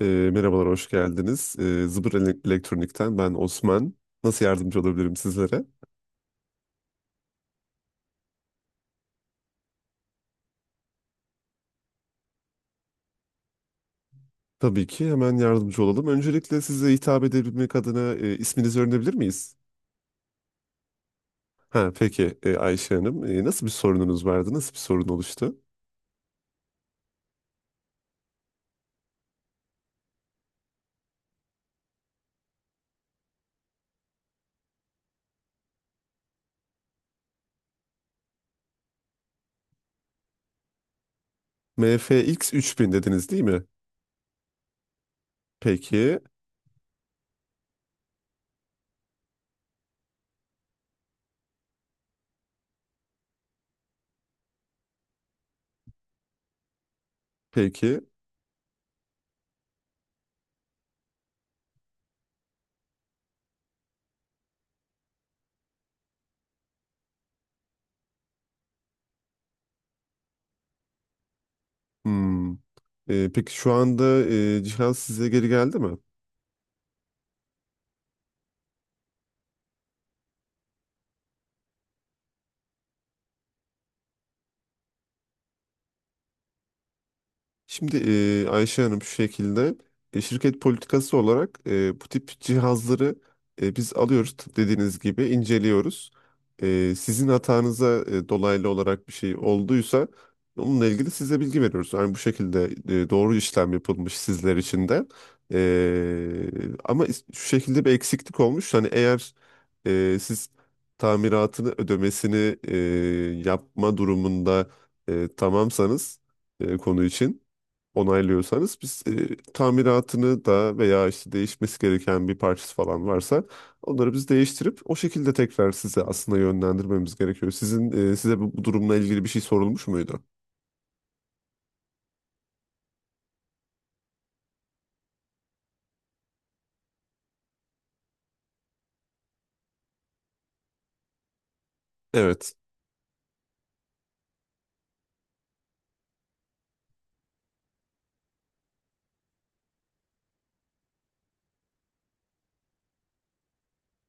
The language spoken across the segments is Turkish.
Ee, merhabalar, hoş geldiniz. Zıbır Elektronik'ten ben Osman. Nasıl yardımcı olabilirim sizlere? Tabii ki hemen yardımcı olalım. Öncelikle size hitap edebilmek adına isminizi öğrenebilir miyiz? Ha, peki Ayşe Hanım, nasıl bir sorununuz vardı? Nasıl bir sorun oluştu? MFX 3000 dediniz değil mi? Peki, peki. Hmm. Peki şu anda Cihan size geri geldi mi? Şimdi Ayşe Hanım şu şekilde, şirket politikası olarak bu tip cihazları biz alıyoruz tıp dediğiniz gibi inceliyoruz. Sizin hatanıza dolaylı olarak bir şey olduysa onunla ilgili size bilgi veriyoruz. Yani bu şekilde doğru işlem yapılmış sizler için de. E, ama şu şekilde bir eksiklik olmuş. Hani eğer siz tamiratını ödemesini yapma durumunda tamamsanız konu için onaylıyorsanız biz tamiratını da veya işte değişmesi gereken bir parçası falan varsa onları biz değiştirip o şekilde tekrar size aslında yönlendirmemiz gerekiyor. Sizin size bu durumla ilgili bir şey sorulmuş muydu? Evet.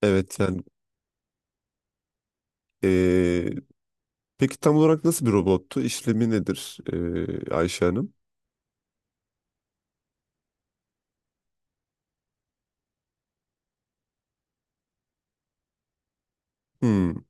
Evet yani, e, peki tam olarak nasıl bir robottu? İşlemi nedir Ayşe Hanım? Hmm.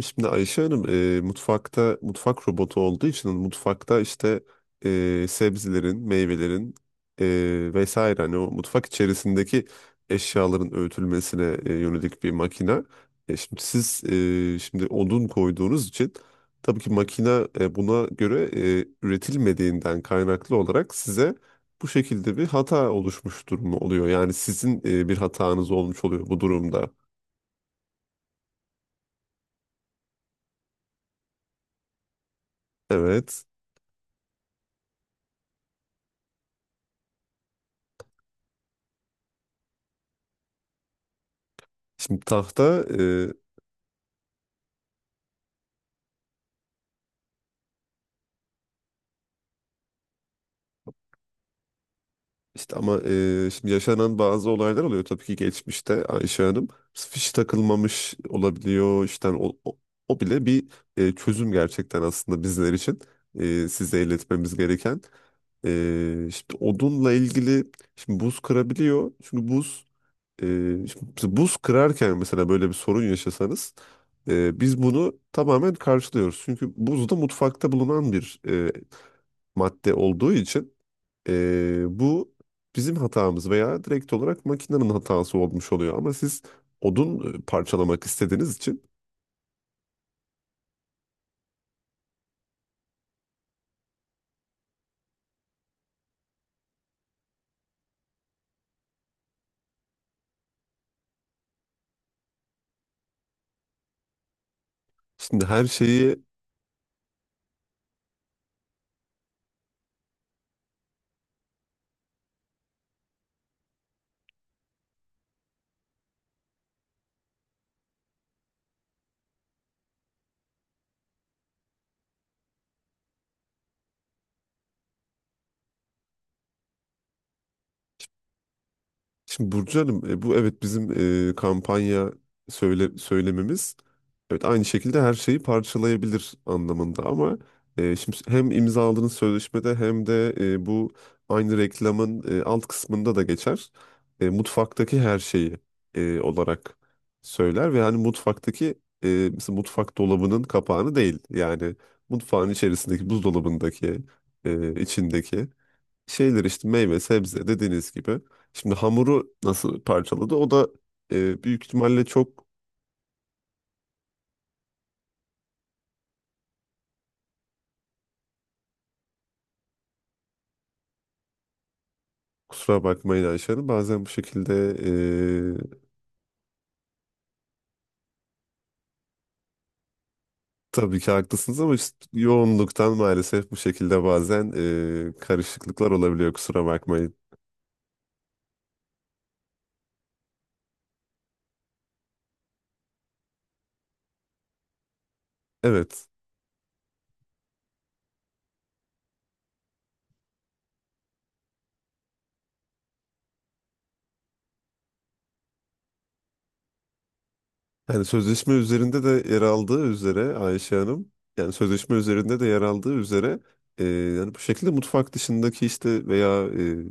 Şimdi Ayşe Hanım, mutfakta mutfak robotu olduğu için mutfakta işte, sebzelerin, meyvelerin e, vesaire hani o mutfak içerisindeki eşyaların öğütülmesine yönelik bir makine. Şimdi siz, şimdi odun koyduğunuz için tabii ki makine buna göre üretilmediğinden kaynaklı olarak size bu şekilde bir hata oluşmuş durumu oluyor. Yani sizin bir hatanız olmuş oluyor bu durumda. Evet. Şimdi tahta İşte ama şimdi yaşanan bazı olaylar oluyor tabii ki geçmişte Ayşe Hanım. Fiş takılmamış olabiliyor. İşte o bile bir çözüm gerçekten aslında bizler için. Size iletmemiz gereken. İşte odunla ilgili şimdi buz kırabiliyor. Çünkü e, şimdi buz kırarken mesela böyle bir sorun yaşasanız biz bunu tamamen karşılıyoruz. Çünkü buz da mutfakta bulunan bir madde olduğu için bu bizim hatamız veya direkt olarak makinenin hatası olmuş oluyor. Ama siz odun parçalamak istediğiniz için şimdi her şeyi Şimdi Burcu Hanım, bu evet bizim kampanya söylememiz evet aynı şekilde her şeyi parçalayabilir anlamında ama şimdi hem imzaladığınız sözleşmede hem de bu aynı reklamın alt kısmında da geçer. Mutfaktaki her şeyi, olarak söyler ve hani mutfaktaki mesela mutfak dolabının kapağını değil yani mutfağın içerisindeki buzdolabındaki içindeki şeyler işte meyve, sebze dediğiniz gibi. Şimdi hamuru nasıl parçaladı? O da büyük ihtimalle çok. Kusura bakmayın Ayşe Hanım. Bazen bu şekilde, e, tabii ki haklısınız ama işte yoğunluktan maalesef bu şekilde bazen karışıklıklar olabiliyor kusura bakmayın. Evet. Yani sözleşme üzerinde de yer aldığı üzere Ayşe Hanım, yani sözleşme üzerinde de yer aldığı üzere e, yani bu şekilde mutfak dışındaki işte veya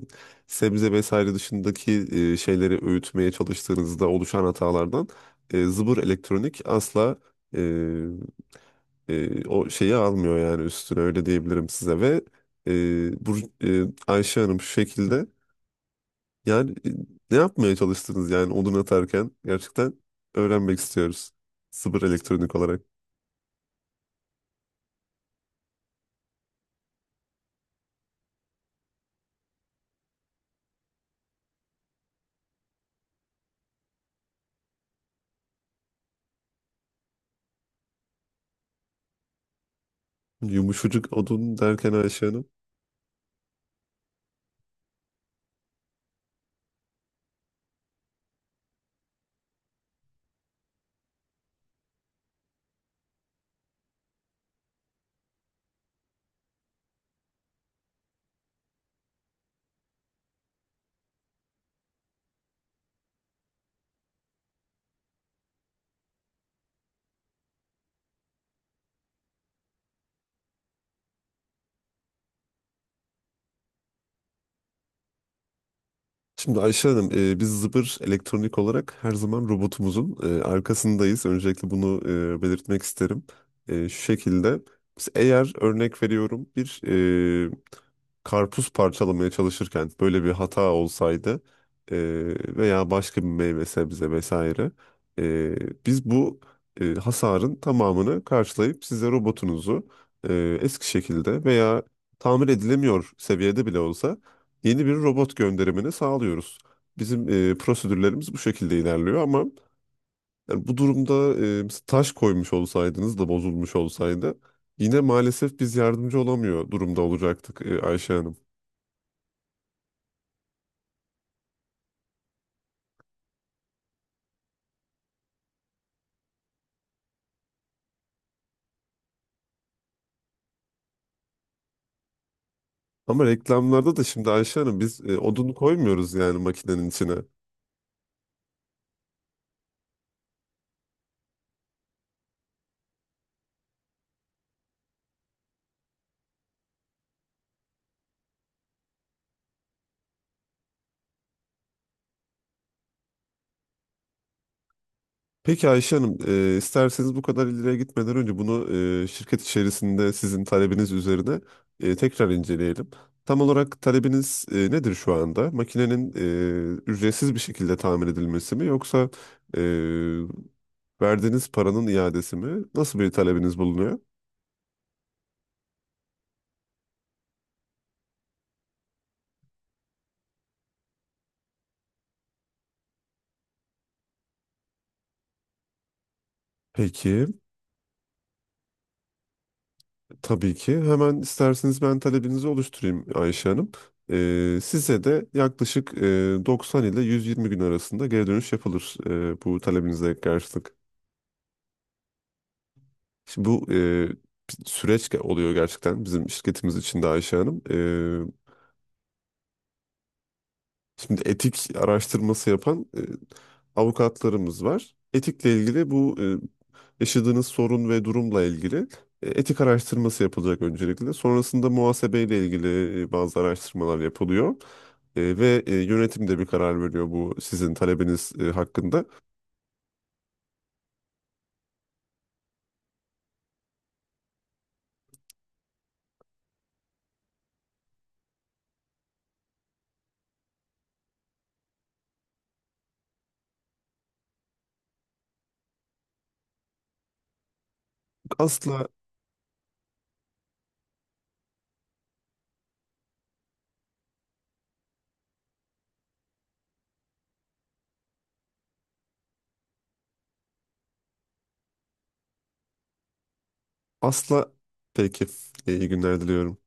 sebze vesaire dışındaki şeyleri öğütmeye çalıştığınızda oluşan hatalardan Zıbır Elektronik asla e, o şeyi almıyor yani üstüne öyle diyebilirim size ve bu e, Ayşe Hanım şu şekilde yani ne yapmaya çalıştınız yani odun atarken? Gerçekten öğrenmek istiyoruz. Sıfır elektronik olarak. Yumuşacık odun derken Ayşe Hanım. Şimdi Ayşe Hanım, biz Zıbır Elektronik olarak her zaman robotumuzun arkasındayız. Öncelikle bunu belirtmek isterim. Şu şekilde, biz eğer örnek veriyorum bir e, karpuz parçalamaya çalışırken böyle bir hata olsaydı e, veya başka bir meyve sebze vesaire, biz bu hasarın tamamını karşılayıp size robotunuzu eski şekilde veya tamir edilemiyor seviyede bile olsa yeni bir robot gönderimini sağlıyoruz. Bizim prosedürlerimiz bu şekilde ilerliyor ama yani bu durumda mesela taş koymuş olsaydınız da bozulmuş olsaydı yine maalesef biz yardımcı olamıyor durumda olacaktık Ayşe Hanım. Ama reklamlarda da şimdi Ayşe Hanım biz odun koymuyoruz yani makinenin içine. Peki Ayşe Hanım, isterseniz bu kadar ileriye gitmeden önce bunu şirket içerisinde sizin talebiniz üzerine tekrar inceleyelim. Tam olarak talebiniz nedir şu anda? Makinenin ücretsiz bir şekilde tamir edilmesi mi yoksa e, verdiğiniz paranın iadesi mi? Nasıl bir talebiniz bulunuyor? Peki. Tabii ki. Hemen isterseniz ben talebinizi oluşturayım Ayşe Hanım. Size de yaklaşık 90 ile 120 gün arasında geri dönüş yapılır, bu talebinize karşılık. Şimdi bu bir süreç oluyor gerçekten bizim şirketimiz için de Ayşe Hanım. Şimdi etik araştırması yapan avukatlarımız var. Etikle ilgili bu yaşadığınız sorun ve durumla ilgili etik araştırması yapılacak öncelikle. Sonrasında muhasebeyle ilgili bazı araştırmalar yapılıyor. Ve yönetim de bir karar veriyor bu sizin talebiniz hakkında. Asla, asla. Peki, iyi günler diliyorum.